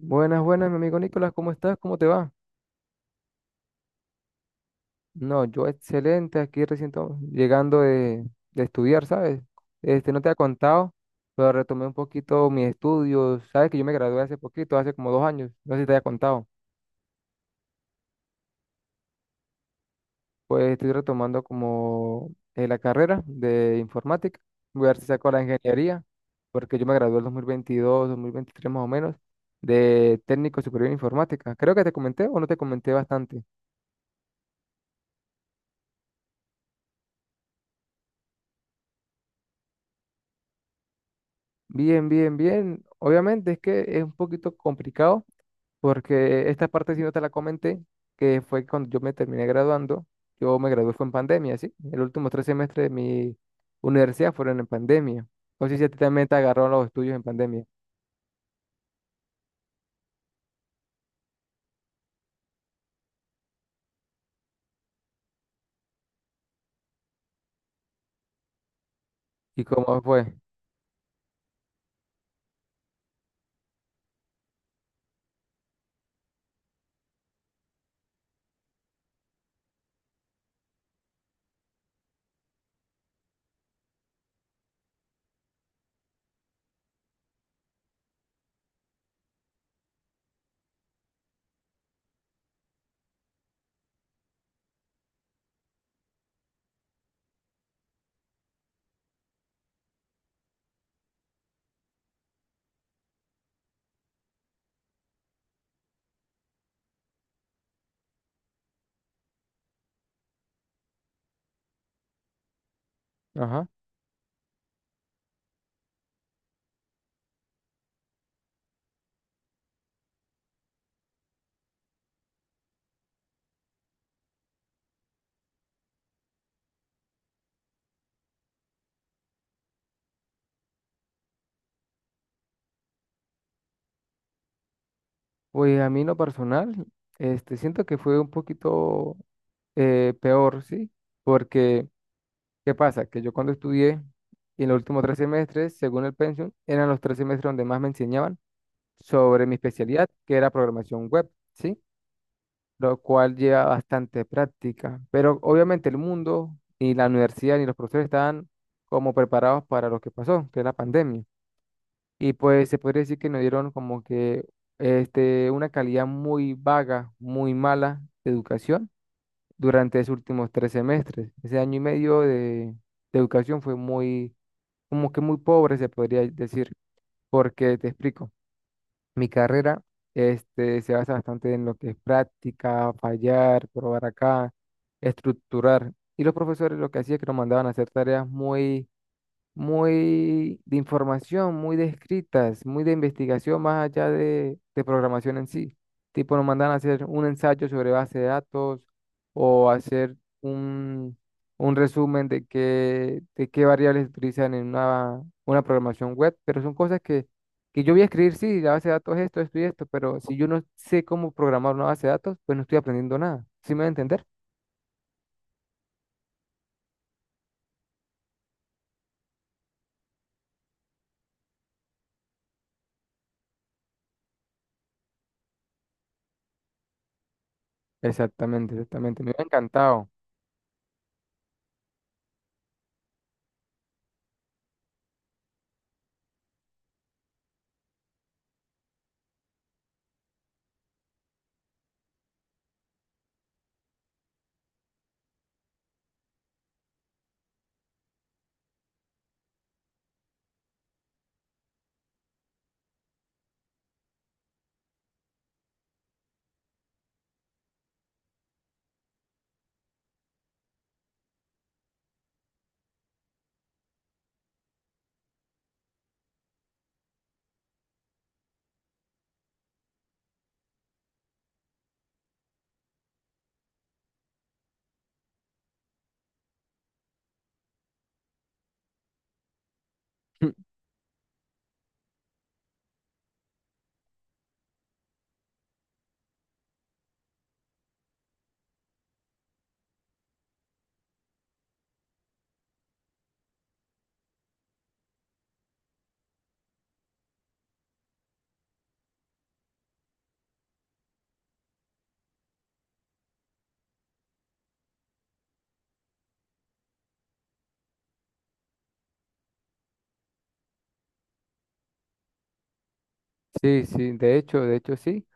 Buenas, buenas, mi amigo Nicolás, ¿cómo estás? ¿Cómo te va? No, yo excelente, aquí recién llegando de estudiar, ¿sabes? Este, no te ha contado, pero retomé un poquito mis estudios, ¿sabes? Que yo me gradué hace poquito, hace como 2 años, no sé si te haya contado. Pues estoy retomando como la carrera de informática, voy a ver si saco la ingeniería, porque yo me gradué en 2022, 2023 más o menos, de técnico superior en informática. Creo que te comenté o no te comenté bastante. Bien, bien, bien. Obviamente es que es un poquito complicado porque esta parte sí no te la comenté, que fue cuando yo me terminé graduando. Yo me gradué fue en pandemia, ¿sí? El último 3 semestres de mi universidad fueron en pandemia. No sé si a ti también te agarraron los estudios en pandemia. ¿Y cómo fue? Ajá. Pues a mí en lo personal, este, siento que fue un poquito peor, ¿sí? Porque, ¿qué pasa? Que yo cuando estudié, y en los últimos 3 semestres, según el pensum, eran los 3 semestres donde más me enseñaban sobre mi especialidad, que era programación web, ¿sí? Lo cual lleva bastante práctica. Pero obviamente el mundo, ni la universidad, ni los profesores estaban como preparados para lo que pasó, que es la pandemia. Y pues se podría decir que nos dieron como que este, una calidad muy vaga, muy mala de educación durante esos últimos 3 semestres. Ese año y medio de educación fue muy, como que muy pobre, se podría decir, porque te explico. Mi carrera, este, se basa bastante en lo que es práctica, fallar, probar acá, estructurar. Y los profesores lo que hacían es que nos mandaban a hacer tareas muy muy de información, muy de escritas, muy de investigación más allá de programación en sí. Tipo, nos mandan a hacer un ensayo sobre base de datos o hacer un, un resumen de qué variables utilizan en una programación web, pero son cosas que yo voy a escribir, sí, la base de datos es esto, esto y esto, pero si yo no sé cómo programar una base de datos, pues no estoy aprendiendo nada. ¿Sí me va a entender? Exactamente, exactamente. Me ha encantado. Sí, sí, de hecho sí.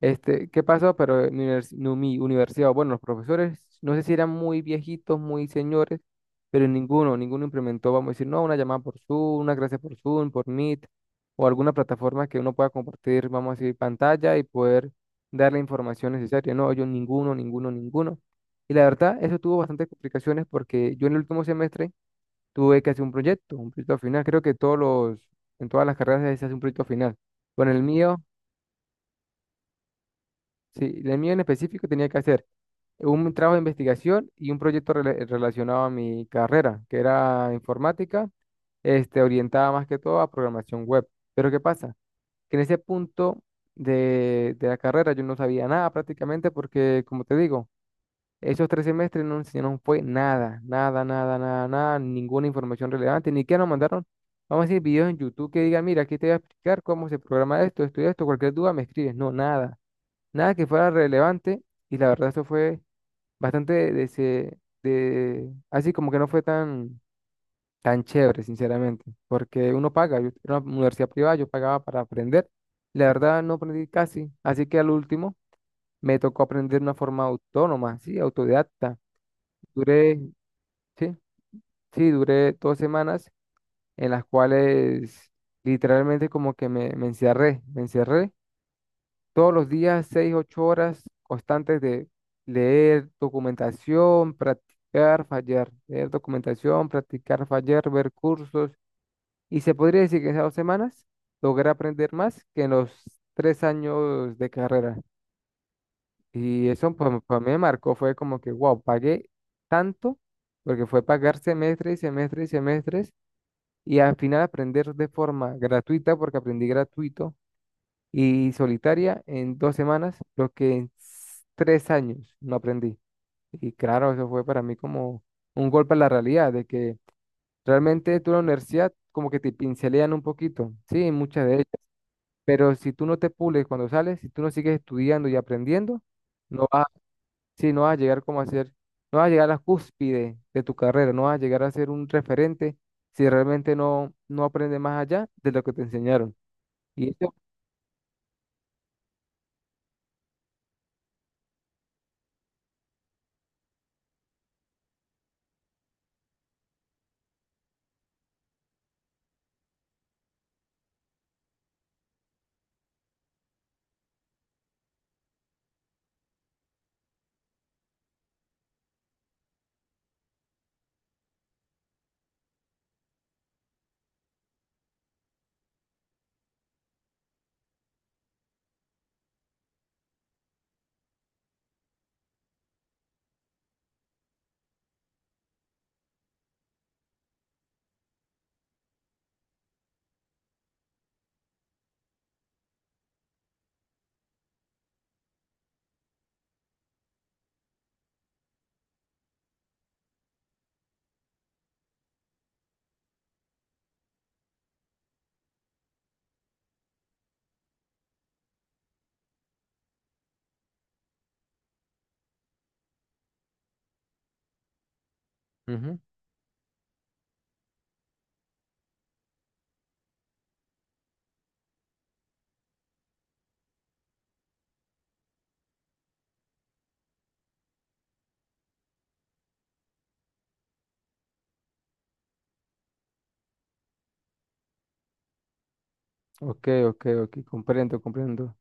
Este, ¿qué pasó? Pero en mi universidad, bueno, los profesores, no sé si eran muy viejitos, muy señores, pero ninguno, ninguno implementó, vamos a decir, no, una llamada por Zoom, una clase por Zoom, por Meet, o alguna plataforma que uno pueda compartir, vamos a decir, pantalla y poder dar la información necesaria. No, yo ninguno, ninguno, ninguno. Y la verdad, eso tuvo bastantes complicaciones porque yo en el último semestre tuve que hacer un proyecto final. Creo que todos los, en todas las carreras se hace un proyecto final. Con el mío. Sí, el mío en específico tenía que hacer un trabajo de investigación y un proyecto relacionado a mi carrera, que era informática, este, orientada más que todo a programación web. Pero ¿qué pasa? Que en ese punto de la carrera yo no sabía nada prácticamente porque, como te digo, esos 3 semestres no enseñaron fue nada, nada, nada, nada, nada, ninguna información relevante, ni que nos mandaron, vamos a decir, videos en YouTube que digan, mira, aquí te voy a explicar cómo se programa esto, esto y esto, cualquier duda me escribes, no, nada. Nada que fuera relevante y la verdad esto fue bastante así como que no fue tan, tan chévere, sinceramente, porque uno paga, yo era una universidad privada, yo pagaba para aprender, y la verdad no aprendí casi, así que al último me tocó aprender de una forma autónoma, sí, autodidacta. Duré, sí, sí, duré 2 semanas en las cuales literalmente como que me encerré, me encerré. Todos los días, 6, 8 horas constantes de leer documentación, practicar, fallar, leer documentación, practicar, fallar, ver cursos. Y se podría decir que en esas 2 semanas logré aprender más que en los 3 años de carrera. Y eso pues, para mí me marcó, fue como que, wow, pagué tanto, porque fue pagar semestres y semestres y semestres, y al final aprender de forma gratuita, porque aprendí gratuito y solitaria en 2 semanas, lo que en 3 años no aprendí. Y claro, eso fue para mí como un golpe a la realidad, de que realmente tú en la universidad como que te pincelean un poquito, sí, muchas de ellas, pero si tú no te pules cuando sales, si tú no sigues estudiando y aprendiendo, no vas, sí, no vas a llegar como a ser, no vas a llegar a la cúspide de tu carrera, no vas a llegar a ser un referente si realmente no, no aprendes más allá de lo que te enseñaron. Y eso, ok, ok, ok, comprendo, comprendo.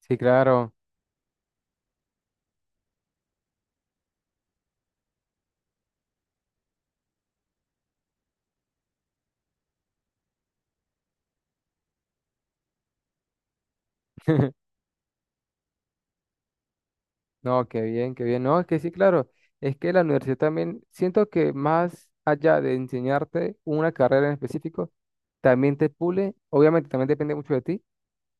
Sí, claro. No, qué bien, qué bien. No, es que sí, claro. Es que la universidad también, siento que más allá de enseñarte una carrera en específico, también te pule. Obviamente, también depende mucho de ti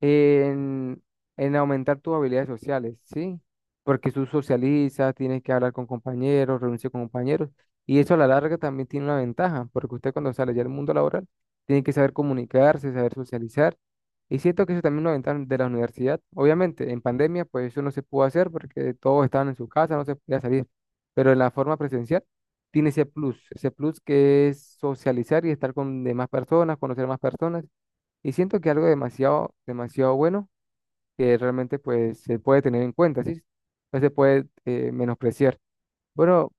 en, en aumentar tus habilidades sociales, ¿sí? Porque tú socializas, tienes que hablar con compañeros, reunirse con compañeros, y eso a la larga también tiene una ventaja, porque usted cuando sale ya al mundo laboral, tiene que saber comunicarse, saber socializar, y siento que eso también es una ventaja de la universidad. Obviamente, en pandemia, pues eso no se pudo hacer porque todos estaban en su casa, no se podía salir, pero en la forma presencial tiene ese plus que es socializar y estar con demás personas, conocer más personas y siento que algo demasiado, demasiado bueno que realmente pues se puede tener en cuenta, ¿sí? No se puede menospreciar. Bueno,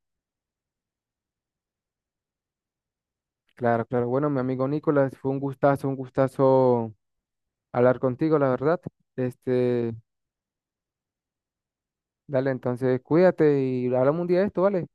claro, claro. Bueno, mi amigo Nicolás, fue un gustazo hablar contigo, la verdad. Este, dale, entonces cuídate y hablamos un día de esto, ¿vale?